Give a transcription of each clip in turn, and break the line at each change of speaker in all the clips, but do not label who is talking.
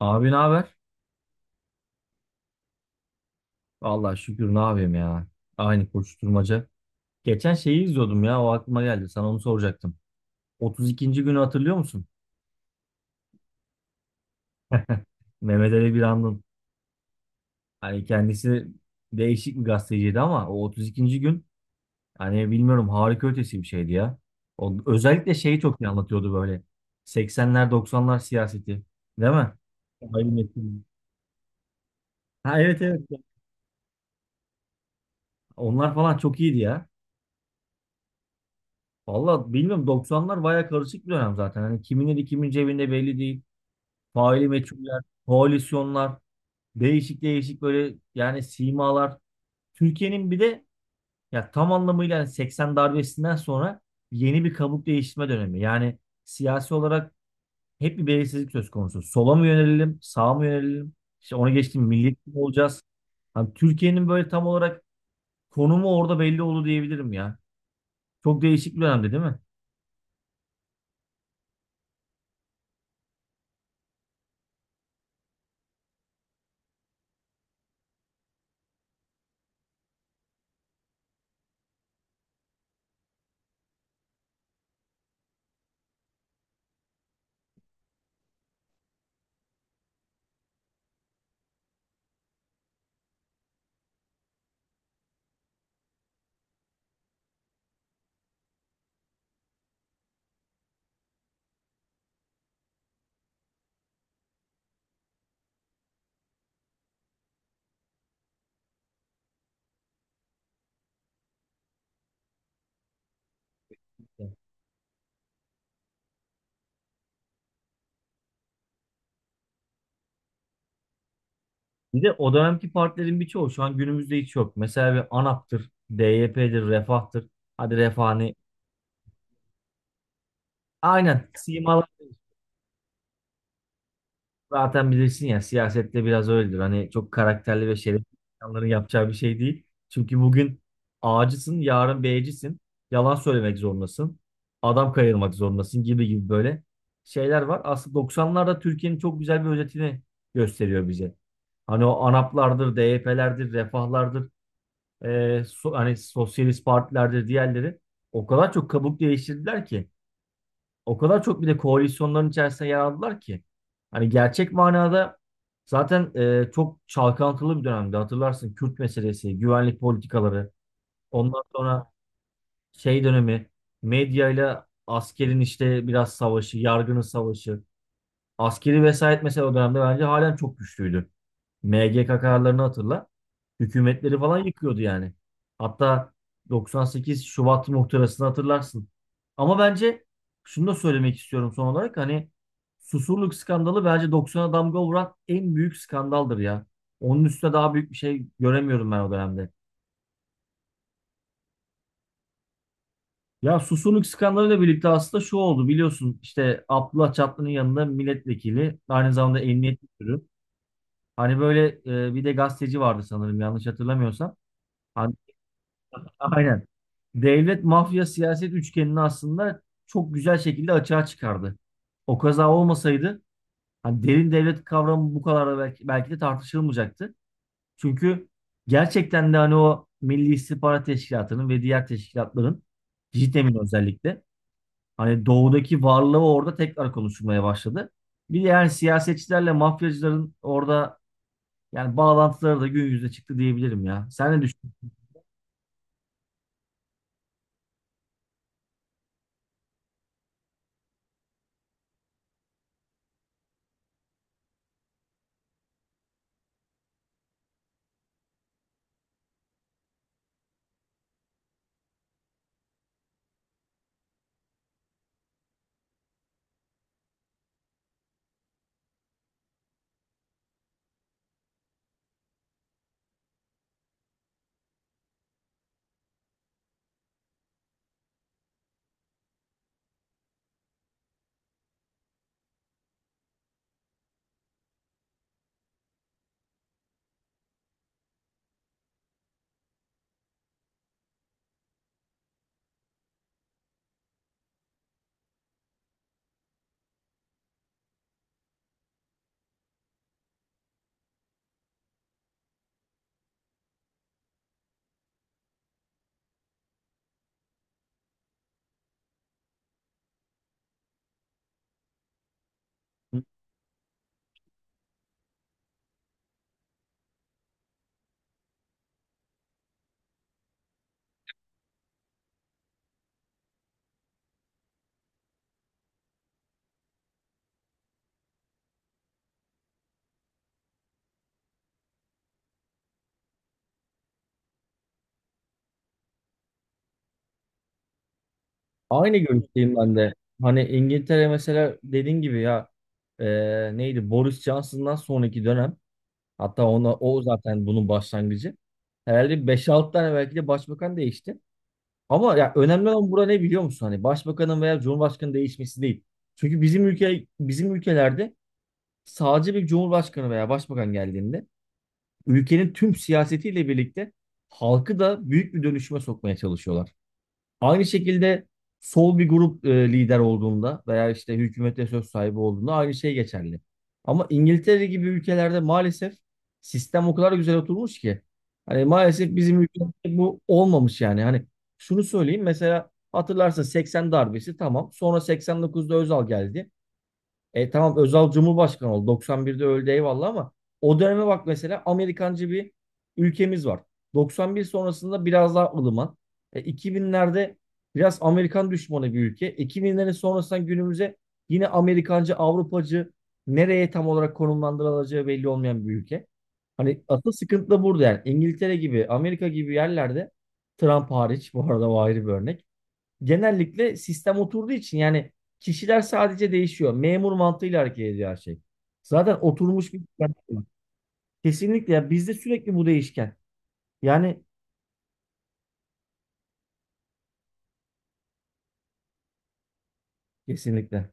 Abi ne haber? Vallahi şükür ne yapayım ya. Aynı koşturmaca. Geçen şeyi izliyordum ya o aklıma geldi. Sana onu soracaktım. 32. günü hatırlıyor musun? Mehmet Ali Birand'ın. Hani kendisi değişik bir gazeteciydi ama o 32. gün hani bilmiyorum harika ötesi bir şeydi ya. O, özellikle şeyi çok iyi anlatıyordu böyle. 80'ler 90'lar siyaseti. Değil mi? Hayır, Metin. Ha evet evet. Onlar falan çok iyiydi ya. Valla bilmiyorum 90'lar baya karışık bir dönem zaten. Hani kimin eli kimin cebinde belli değil. Faili meçhuller, koalisyonlar, değişik değişik böyle yani simalar. Türkiye'nin bir de ya tam anlamıyla yani 80 darbesinden sonra yeni bir kabuk değiştirme dönemi. Yani siyasi olarak hep bir belirsizlik söz konusu. Sola mı yönelelim, sağa mı yönelelim? İşte onu geçtim milliyetçi mi olacağız? Hani Türkiye'nin böyle tam olarak konumu orada belli oldu diyebilirim ya. Çok değişik bir dönemdi değil mi? Bir de o dönemki partilerin birçoğu şu an günümüzde hiç yok. Mesela bir ANAP'tır, DYP'dir, Refah'tır. Hadi Refah hani aynen simalar zaten bilirsin ya siyasette biraz öyledir. Hani çok karakterli ve şerefli insanların yapacağı bir şey değil. Çünkü bugün A'cısın, yarın B'cisin. Yalan söylemek zorundasın. Adam kayırmak zorundasın gibi gibi böyle şeyler var. Aslında 90'larda Türkiye'nin çok güzel bir özetini gösteriyor bize. Hani o ANAP'lardır, DYP'lerdir, Refah'lardır. Hani sosyalist partilerde diğerleri o kadar çok kabuk değiştirdiler ki o kadar çok bir de koalisyonların içerisinde yer aldılar ki hani gerçek manada zaten çok çalkantılı bir dönemdi hatırlarsın. Kürt meselesi, güvenlik politikaları, ondan sonra şey dönemi, medyayla askerin işte biraz savaşı, yargının savaşı, askeri vesayet, mesela o dönemde bence halen çok güçlüydü. MGK kararlarını hatırla. Hükümetleri falan yıkıyordu yani. Hatta 98 Şubat muhtırasını hatırlarsın. Ama bence şunu da söylemek istiyorum son olarak. Hani Susurluk skandalı bence 90'a damga vuran en büyük skandaldır ya. Onun üstüne daha büyük bir şey göremiyorum ben o dönemde. Ya Susurluk skandalıyla birlikte aslında şu oldu, biliyorsun işte Abdullah Çatlı'nın yanında milletvekili, aynı zamanda emniyet müdürü. Hani böyle bir de gazeteci vardı sanırım yanlış hatırlamıyorsam. Hani aynen. Devlet, mafya, siyaset üçgenini aslında çok güzel şekilde açığa çıkardı. O kaza olmasaydı hani derin devlet kavramı bu kadar da belki de tartışılmayacaktı. Çünkü gerçekten de hani o Milli İstihbarat Teşkilatı'nın ve diğer teşkilatların, JITEM'in özellikle hani doğudaki varlığı orada tekrar konuşulmaya başladı. Bir de yani siyasetçilerle mafyacıların orada yani bağlantıları da gün yüzüne çıktı diyebilirim ya. Sen ne düşünüyorsun? Aynı görüşteyim ben de. Hani İngiltere mesela dediğin gibi ya, e, neydi, Boris Johnson'dan sonraki dönem, hatta ona, o zaten bunun başlangıcı. Herhalde beş 6 tane belki de başbakan değişti. Ama ya önemli olan burada ne biliyor musun? Hani başbakanın veya cumhurbaşkanının değişmesi değil. Çünkü bizim ülkelerde sadece bir cumhurbaşkanı veya başbakan geldiğinde ülkenin tüm siyasetiyle birlikte halkı da büyük bir dönüşüme sokmaya çalışıyorlar. Aynı şekilde sol bir grup lider olduğunda veya işte hükümete söz sahibi olduğunda aynı şey geçerli. Ama İngiltere gibi ülkelerde maalesef sistem o kadar güzel oturmuş ki. Hani maalesef bizim ülkemizde bu olmamış yani. Hani şunu söyleyeyim, mesela hatırlarsın 80 darbesi tamam. Sonra 89'da Özal geldi. E tamam, Özal Cumhurbaşkanı oldu. 91'de öldü eyvallah, ama o döneme bak, mesela Amerikancı bir ülkemiz var. 91 sonrasında biraz daha ılıman. E, 2000'lerde biraz Amerikan düşmanı bir ülke. 2000'lerin sonrasından günümüze yine Amerikancı, Avrupacı, nereye tam olarak konumlandırılacağı belli olmayan bir ülke. Hani asıl sıkıntı da burada yani. İngiltere gibi, Amerika gibi yerlerde, Trump hariç bu arada, o ayrı bir örnek, genellikle sistem oturduğu için yani kişiler sadece değişiyor. Memur mantığıyla hareket ediyor her şey. Zaten oturmuş bir sistem var. Kesinlikle ya, bizde sürekli bu değişken. Yani kesinlikle.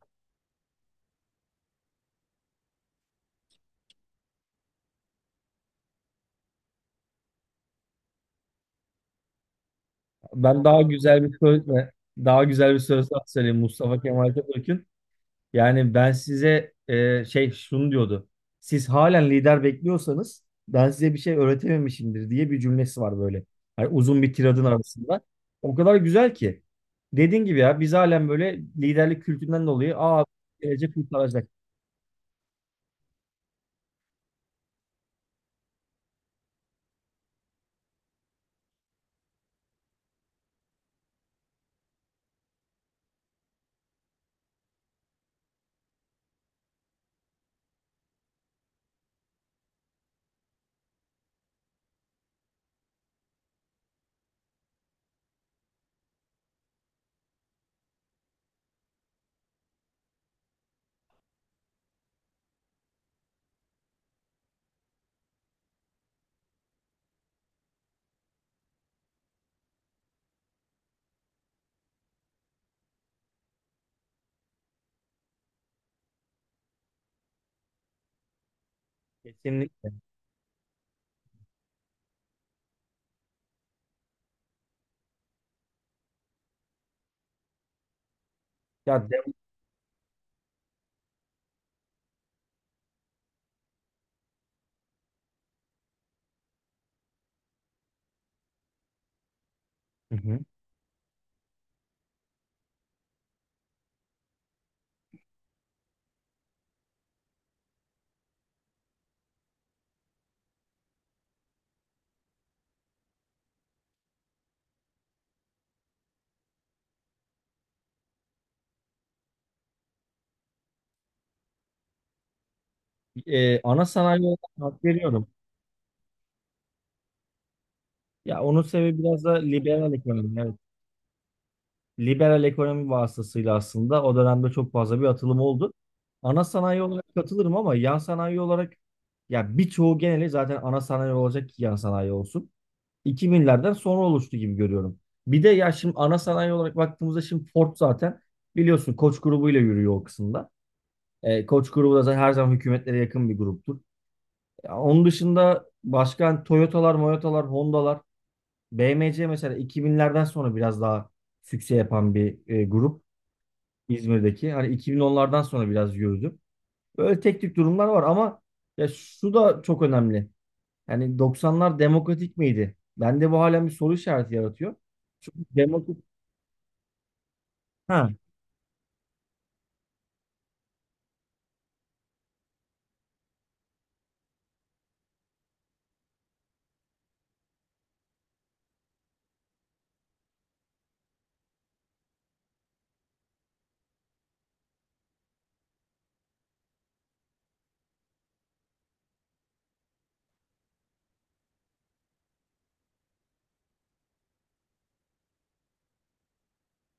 Ben daha güzel bir söz daha söyleyeyim, Mustafa Kemal Atatürk'ün. Yani ben size şunu diyordu: siz halen lider bekliyorsanız ben size bir şey öğretememişimdir diye bir cümlesi var böyle. Yani uzun bir tiradın arasında. O kadar güzel ki. Dediğin gibi ya, biz halen böyle liderlik kültüründen dolayı gelecek kurtaracak. Kesinlikle. Ya de- Hı hı. E, ana sanayi olarak hak veriyorum. Ya onun sebebi biraz da liberal ekonomi. Evet. Liberal ekonomi vasıtasıyla aslında o dönemde çok fazla bir atılım oldu. Ana sanayi olarak katılırım ama yan sanayi olarak, ya birçoğu, geneli zaten ana sanayi olacak ki yan sanayi olsun. 2000'lerden sonra oluştu gibi görüyorum. Bir de ya şimdi ana sanayi olarak baktığımızda, şimdi Ford zaten biliyorsun Koç grubuyla yürüyor o kısımda. E, Koç grubu da zaten her zaman hükümetlere yakın bir gruptur. Ya onun dışında başka hani Toyota'lar, Moyota'lar, Honda'lar, B M C, mesela 2000'lerden sonra biraz daha sükse yapan bir grup. İzmir'deki. Hani 2010'lardan sonra biraz yürüdü. Böyle tek tük durumlar var, ama ya şu da çok önemli. Yani 90'lar demokratik miydi? Bende bu halen bir soru işareti yaratıyor. Çünkü demokratik... Ha,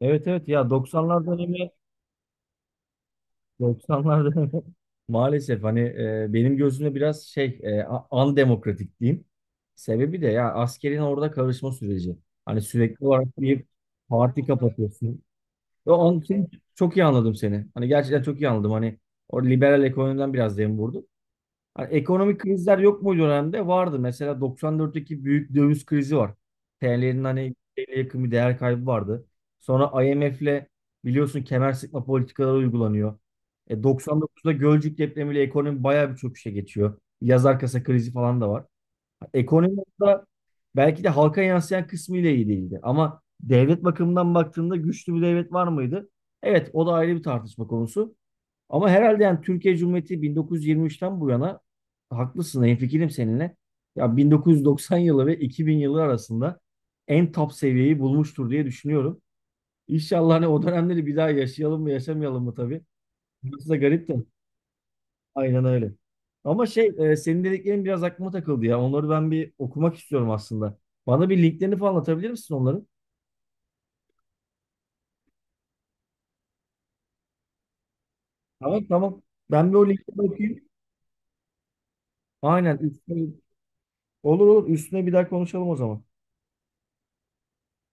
evet evet, ya 90'lar dönemi, 90'lar dönemi maalesef hani benim gözümde biraz andemokratik diyeyim. Sebebi de ya askerin orada karışma süreci. Hani sürekli olarak bir parti kapatıyorsun. Ve onun için çok iyi anladım seni. Hani gerçekten çok iyi anladım. Hani o liberal ekonomiden biraz dem vurdum. Hani ekonomik krizler yok mu dönemde? Vardı. Mesela 94'teki büyük döviz krizi var. TL'nin hani TL'ye yakın bir değer kaybı vardı. Sonra IMF'le biliyorsun kemer sıkma politikaları uygulanıyor. E 99'da Gölcük depremiyle ekonomi bayağı bir çöküşe geçiyor. Yaz arkası krizi falan da var, ekonomi orada belki de halka yansıyan kısmıyla iyi değildi. Ama devlet bakımından baktığında güçlü bir devlet var mıydı? Evet, o da ayrı bir tartışma konusu. Ama herhalde yani Türkiye Cumhuriyeti 1923'ten bu yana, haklısın, hemfikirim seninle, ya 1990 yılı ve 2000 yılı arasında en top seviyeyi bulmuştur diye düşünüyorum. İnşallah hani o dönemleri bir daha yaşayalım mı yaşamayalım mı tabii. Burası da garip de. Aynen öyle. Ama senin dediklerin biraz aklıma takıldı ya. Onları ben bir okumak istiyorum aslında. Bana bir linklerini falan atabilir misin onların? Tamam tamam. Ben bir o linkleri okuyayım. Aynen. Üstüne, olur olur. Üstüne bir daha konuşalım o zaman.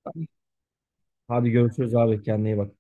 Tamam. Hadi görüşürüz abi. Kendine iyi bak.